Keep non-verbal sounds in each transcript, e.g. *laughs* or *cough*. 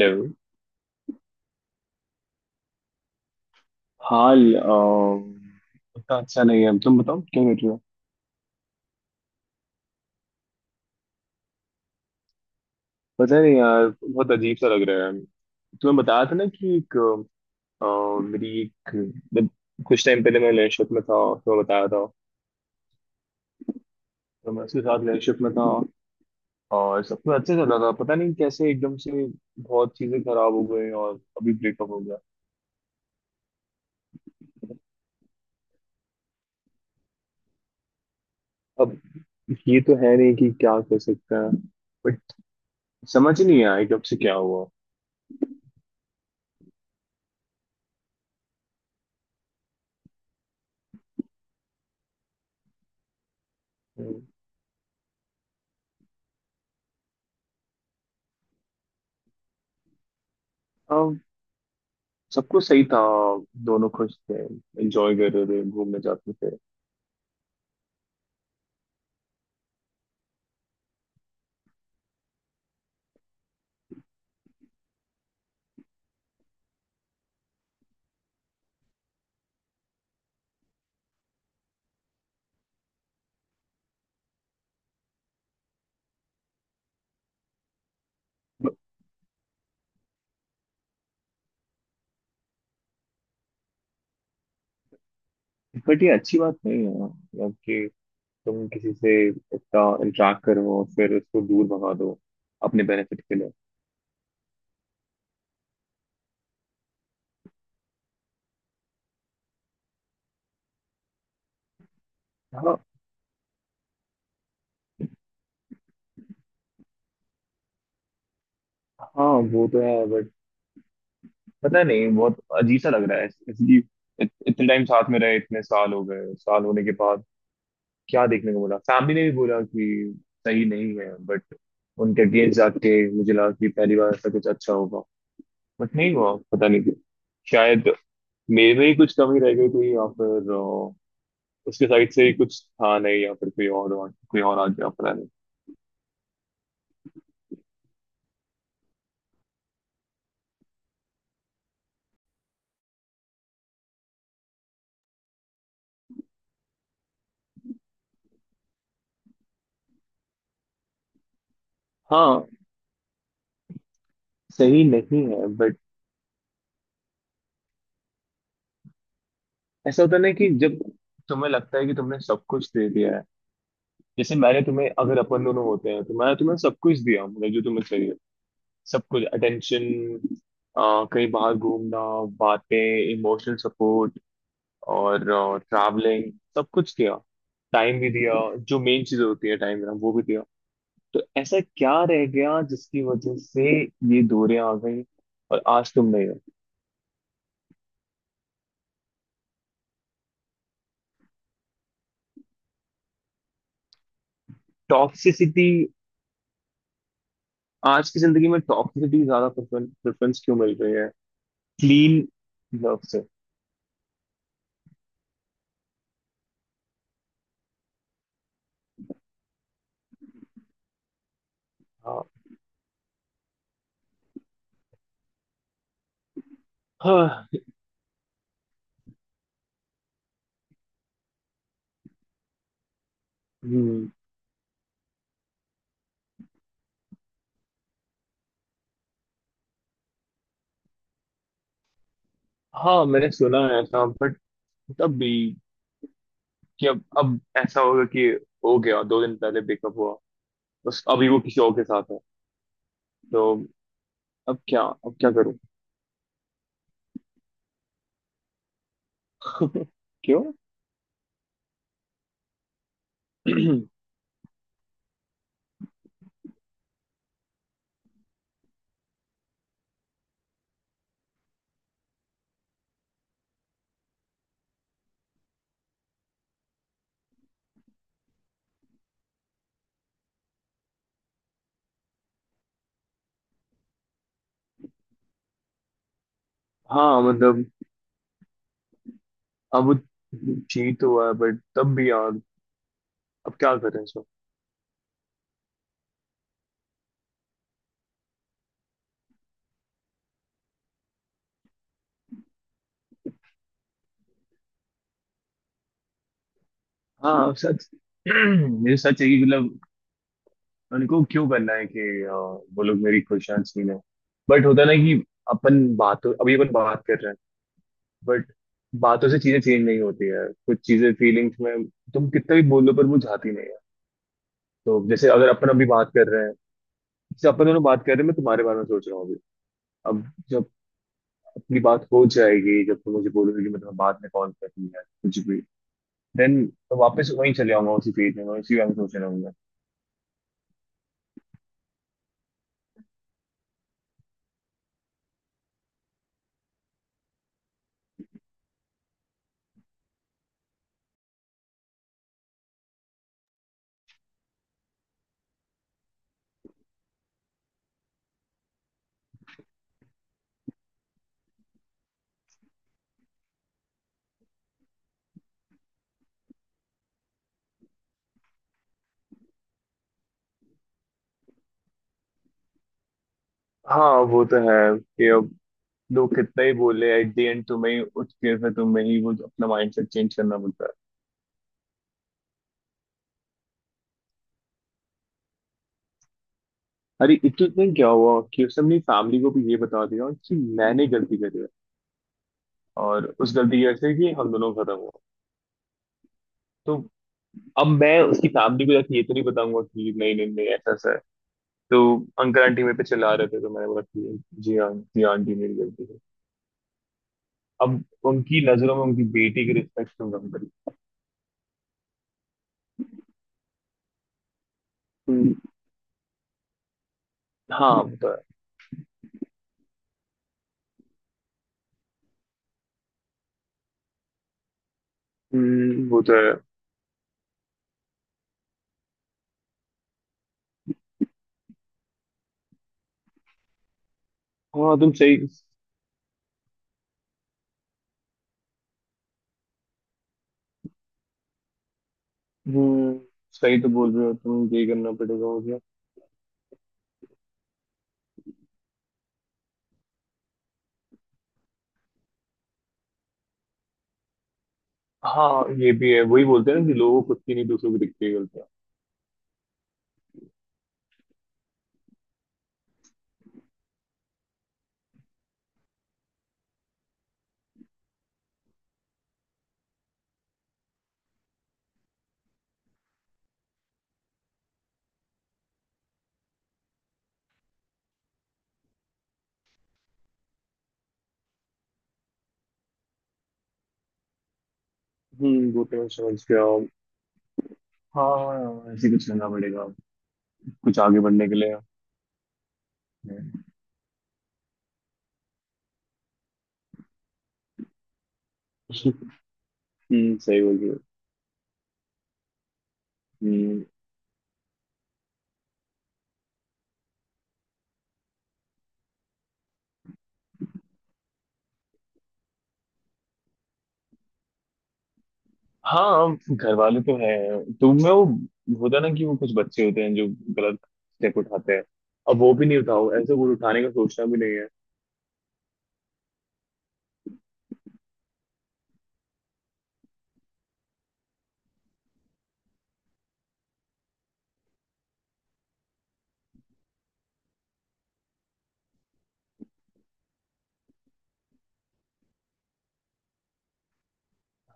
Hello. हाल उतना अच्छा नहीं है। तुम बताओ क्या कर रहे हो? पता नहीं यार, बहुत अजीब सा लग रहा है। तुम्हें बताया था ना कि एक अ, मेरी एक जब कुछ टाइम पहले मैं रिलेशनशिप में था। तुम्हें बताया था। तो मैं उसके साथ रिलेशनशिप में था और सब कुछ अच्छा चल रहा था। पता नहीं कैसे एकदम से बहुत चीजें खराब हो गई और अभी ब्रेकअप हो गया। अब ये तो है नहीं कि क्या कर सकते हैं, बट समझ ही नहीं आया एकदम से क्या हुआ। हम्म। अब सब कुछ सही था। दोनों खुश थे, एंजॉय कर रहे थे, घूमने जाते थे। बट ये अच्छी बात नहीं है, मतलब कि तुम किसी से इतना इंटरेक्ट करो और फिर उसको दूर भगा दो अपने बेनिफिट के लिए। हाँ, हाँ वो तो है। पता नहीं, बहुत अजीब सा लग रहा है जैसे कि इतने टाइम साथ में रहे। इतने साल हो गए, साल होने के बाद क्या देखने को मिला। फैमिली ने भी बोला कि सही नहीं है, बट उनके अगेंस्ट जाके मुझे लगा कि पहली बार ऐसा कुछ अच्छा होगा। बट नहीं हुआ, पता नहीं क्यों। शायद मेरे में ही कुछ कमी रह गई थी या फिर उसके साइड से ही कुछ था नहीं या फिर कोई और आ गया, पता नहीं। हाँ सही नहीं है बट ऐसा होता है ना कि जब तुम्हें लगता है कि तुमने सब कुछ दे दिया है। जैसे मैंने तुम्हें, अगर अपन दोनों होते हैं तो मैं तुम्हें सब कुछ दिया हूँ, मतलब जो तुम्हें चाहिए। सब कुछ, अटेंशन, कहीं बाहर घूमना, बातें, इमोशनल सपोर्ट और ट्रैवलिंग, सब कुछ किया। टाइम भी दिया, जो मेन चीज होती है टाइम देना, वो भी दिया। तो ऐसा क्या रह गया जिसकी वजह से ये दूरियां आ गई और आज तुम नहीं हो। टॉक्सिसिटी। आज की जिंदगी में टॉक्सिसिटी ज्यादा प्रेफरेंस क्यों मिल रही है क्लीन लव से? हाँ, हाँ। हम्म। हाँ, मैंने सुना है ऐसा बट तब भी कि अब ऐसा होगा कि हो गया। दो दिन पहले ब्रेकअप हुआ, बस अभी वो किसी और के साथ है। तो अब क्या, अब क्या करूं? *laughs* क्यों? *clears throat* हाँ मतलब अब वो जीत हुआ है, बट तब भी यार अब क्या करें सो। हाँ सच। *clears throat* ये सच है कि मतलब उनको क्यों करना है कि वो लोग मेरी खुशियां छीने। बट होता ना कि अपन बातों, अभी अपन बात कर रहे हैं बट बातों से चीजें चेंज नहीं होती है। कुछ चीजें फीलिंग्स में, तुम कितना भी बोलो पर वो जाती नहीं है। तो जैसे अगर अपन अभी बात कर रहे हैं, जैसे अपन दोनों बात कर रहे हैं, मैं तुम्हारे बारे में सोच रहा हूँ अभी। अब जब अपनी बात हो जाएगी, जब तुम मुझे बोलोगे कि मतलब बाद में कॉल करनी है कुछ भी, देन तो वापस वहीं चले आऊंगा उसी फील्ड में, मैं उसी बारे में सोच रहा हूँ। हाँ वो तो है कि अब लोग कितना ही बोले, एट द एंड तुम्हें ही उठ के फिर तुम्हें ही वो अपना माइंडसेट चेंज करना पड़ता है। अरे इतने दिन क्या हुआ कि उसने अपनी फैमिली को भी ये बता दिया कि मैंने गलती करी है और उस गलती की वजह से कि हम दोनों खत्म हुआ। तो अब मैं उसकी फैमिली को जाके ये तो नहीं बताऊंगा कि नहीं नहीं नहीं ऐसा ऐसा है। तो अंकल आंटी मेरे पे चिल्ला रहे थे तो मैंने बोला कि जी हाँ, जी हाँ, आंटी मेरी गलती है। अब उनकी नजरों में उनकी बेटी की रिस्पेक्ट क्यों कम करी। हम्म, हाँ वो तो है। वो तो है। हाँ तुम सही। हम्म, सही तो बोल रहे हो तुम, ये करना पड़ेगा मुझे। हाँ ये भी है, वही बोलते हैं ना कि लोगों को खुद की नहीं दूसरों को दिखती है गलतियाँ। वो तो मैं समझ गया। हाँ ऐसे कुछ करना पड़ेगा कुछ आगे बढ़ने के लिए। हम्म। सही बोल रहे हो। हम्म। हाँ घर वाले तो हैं। तो मैं वो, होता ना कि वो कुछ बच्चे होते हैं जो गलत स्टेप उठाते हैं। अब वो भी नहीं उठाओ, ऐसे कुछ उठाने का सोचना भी नहीं है।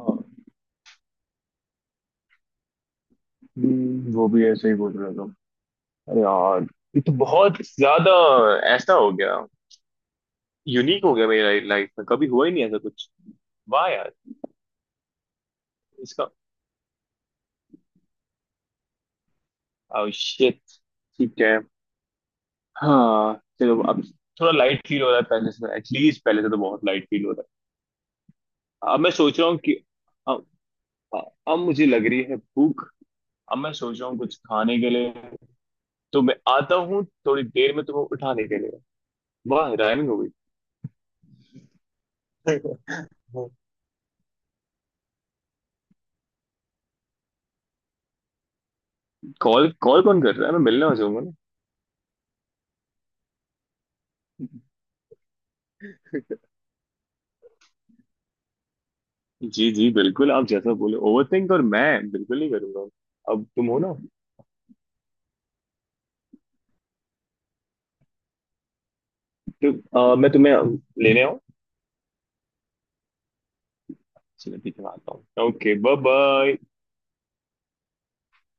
हाँ, वो भी ऐसे ही बोल रहा था। अरे यार ये तो बहुत ज्यादा ऐसा हो गया, यूनिक हो गया, मेरी लाइफ में कभी हुआ ही नहीं ऐसा कुछ। वाह यार। इसका oh shit। ठीक है। हाँ। चलो अब थोड़ा लाइट फील हो रहा है पहले से, एटलीस्ट पहले से तो बहुत लाइट फील हो रहा है। अब मैं सोच रहा हूँ कि हाँ, अब मुझे लग रही है भूख। अब मैं सोच रहा हूँ कुछ खाने के लिए। तो मैं आता हूँ थोड़ी देर में तुम्हें उठाने के लिए। वाह राइमिंग हो गई। *laughs* कॉल कॉल कौन कर रहा है, मैं मिलने आ जाऊंगा ना। जी जी बिल्कुल, आप जैसा बोले, ओवरथिंक और मैं बिल्कुल नहीं करूंगा। अब तुम हो ना। तो मैं तुम्हें लेने आऊँ? चलो ठीक है, मैं आता हूँ ओके बाय बाय।